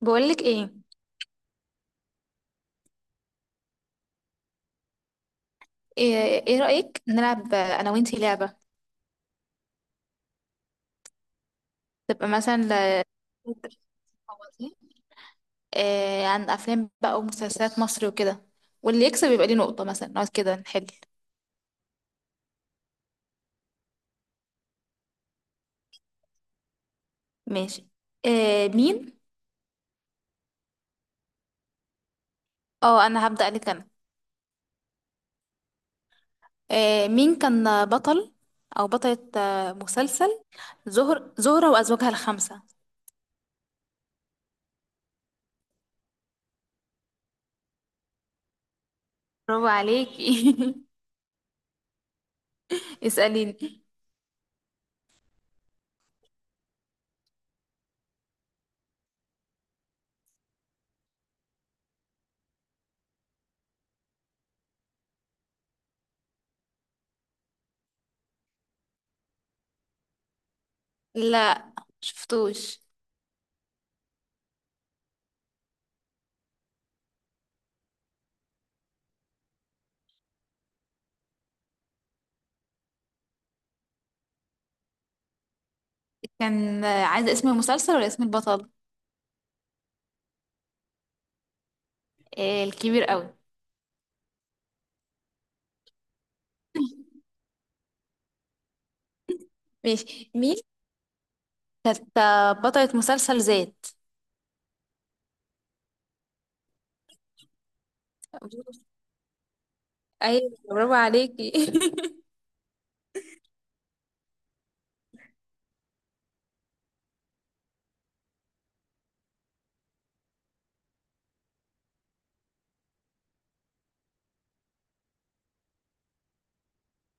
بقولك ايه. ايه. إيه رأيك نلعب انا وانتي لعبة؟ تبقى مثلا إيه عن افلام بقى ومسلسلات مصر وكده، واللي يكسب يبقى ليه نقطة مثلا، نقعد كده نحل. ماشي. إيه مين؟ اه انا هبدأ لك انا. إيه مين كان بطل او بطلة مسلسل زهر زهرة وازواجها الخمسة؟ برافو عليكي. اسأليني. لا شفتوش. كان عايزة اسم المسلسل ولا اسم البطل؟ إيه الكبير قوي. ماشي مين؟ كانت بطلة مسلسل ذات. ايوه برافو عليكي.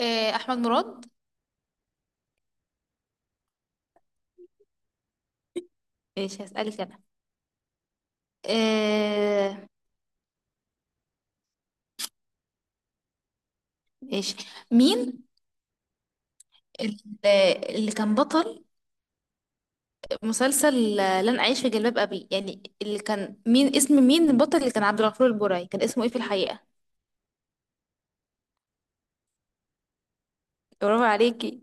احمد مراد. ماشي هسألك انا. آه، ماشي. مين؟ ال- اللي كان بطل مسلسل لن اعيش في جلباب ابي، يعني اللي كان مين، اسم مين البطل اللي كان عبد الغفور البرعي، كان اسمه ايه في الحقيقة؟ برافو عليكي.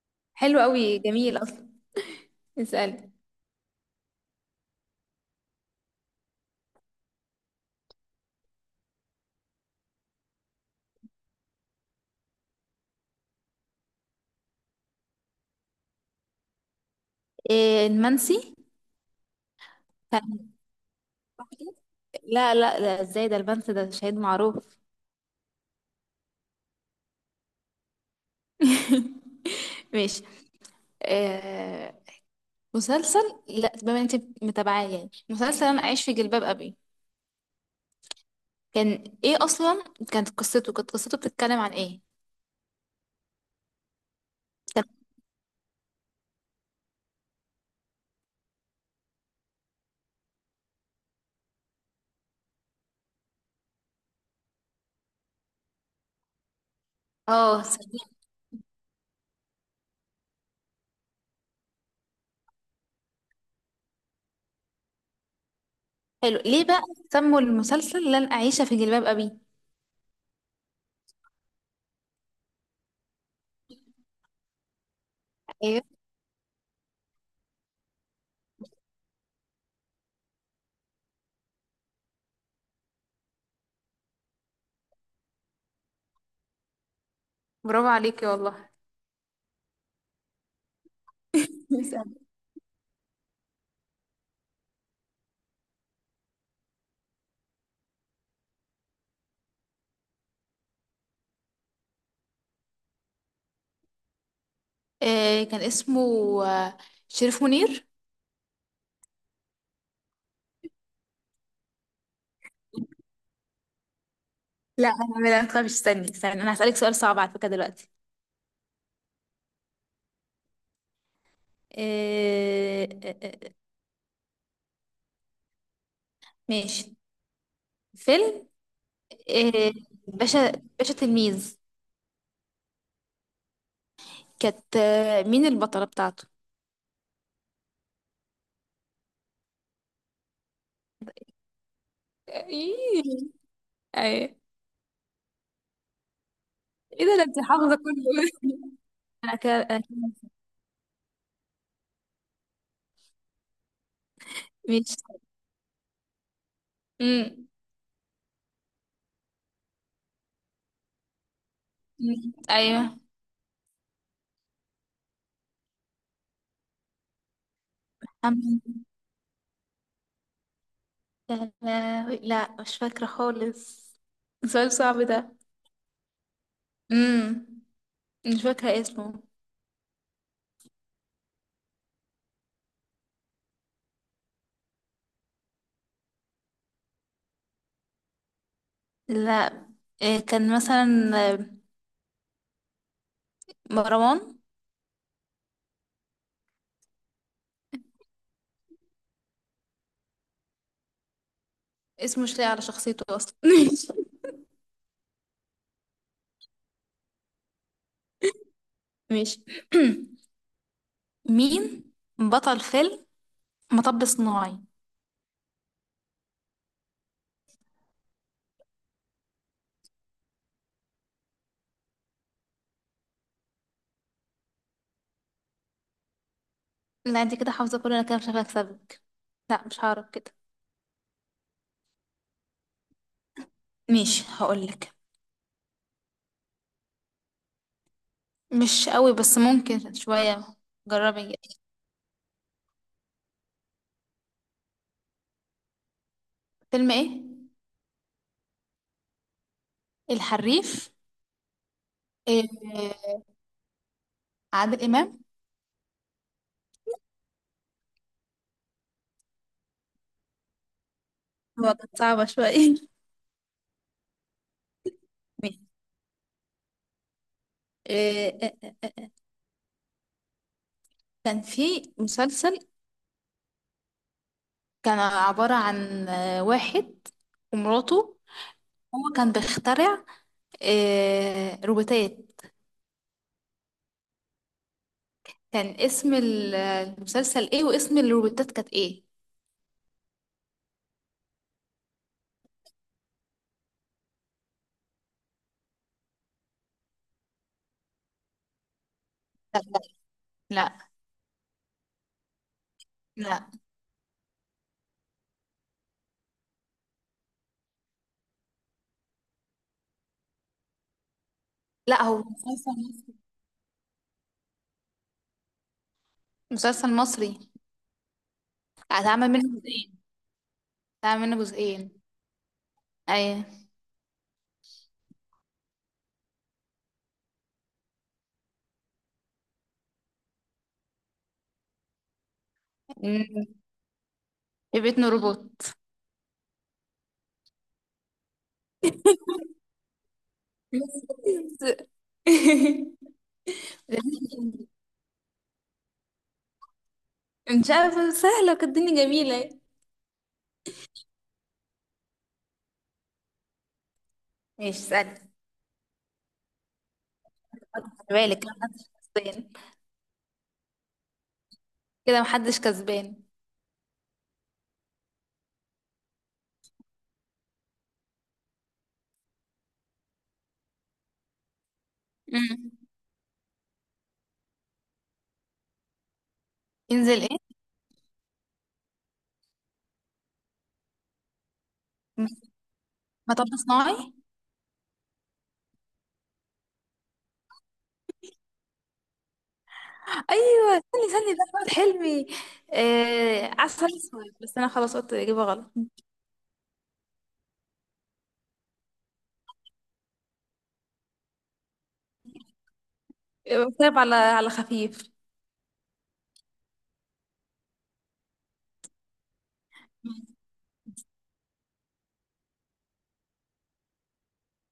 حلو قوي، جميل اصلا. اسألي. المنسي. كان، لا لا لا، ازاي ده المنسي ده شهيد معروف. ماشي. آه مسلسل، لا بما انت متابعاه يعني، مسلسل انا عايش في جلباب ابي، كان ايه اصلا، كانت قصته بتتكلم عن ايه؟ كان اه صديق. حلو، ليه بقى سموا المسلسل لن اعيش في جلباب ابي؟ ايوه برافو عليكي والله. اسألي. آه كان اسمه آه، شريف منير. لا انا، لا تخافي، استني استني، انا هسألك سؤال صعب على فكرة دلوقتي. آه آه، آه، ماشي. فيلم إيه، باشا، باشا تلميذ، كانت مين البطلة بتاعته؟ ايه. ايه. ايه ده، ده انت حافظه كله. انا كده أنا كده- مش مم. مم. ايوه حمزة. يا لهوي. لا مش فاكرة خالص، سؤال صعب ده. امم مش فاكرة اسمه. لا، كان مثلا آه، مروان. اسمه مش لاقي على شخصيته اصلا. ماشي. ماشي. مين بطل فيلم مطب صناعي؟ لا انت كده حافظة كله، انا كده مش هكسبك سبك، لا مش هعرف كده. ماشي هقولك. مش قوي بس ممكن شوية. جربي. فيلم ايه؟ الحريف. إيه عادل امام. هو كانت صعبة شوية. ماشي. إيه كان في مسلسل، كان عبارة عن واحد ومراته، هو كان بيخترع روبوتات، كان اسم المسلسل ايه، واسم الروبوتات كانت ايه؟ لا لا لا لا هو مسلسل مصري. مسلسل مصري. هتعمل منه جزئين. هتعمل منه جزئين. ايوه. أمم. في بيت روبوت. مش عارفة، سهلة، وكانت الدنيا جميلة. ماشي اسألي. خد بالك كده محدش كسبان. كده محدش كسبان. أمم. ينزل ايه؟ مطب صناعي. أيوة استني استني، ده أحمد حلمي. آه عسل أسود، بس أنا خلاص قلت الإجابة غلط. كتاب على خفيف.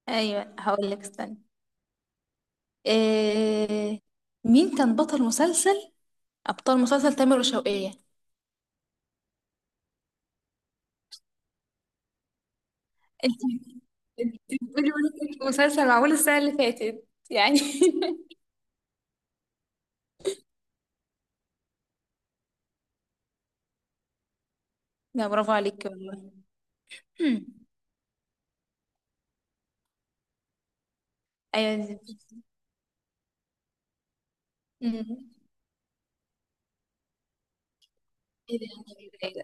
ايوه هقول لك استنى. إيه، مين كان بطل مسلسل، ابطال مسلسل تامر وشوقية؟ انت، انت بتقولي وانا كنت في مسلسل معمول السنة اللي فاتت يعني. لا برافو عليك والله. مم. ايوه. أمم. ايه ده، ايه ده،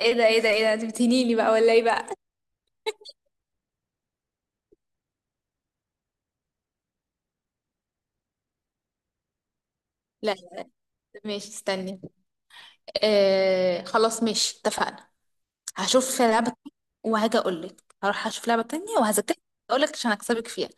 ايه ده، ايه ده، ايه ده، انت بتهنيني بقى ولا ايه بقى؟ لا لا. ماشي استني. آه خلاص ماشي اتفقنا. هشوف لعبة، وهاجي اقول لك، هروح اشوف لعبة تانية وهذاكر، اقول لك عشان اكسبك فيها.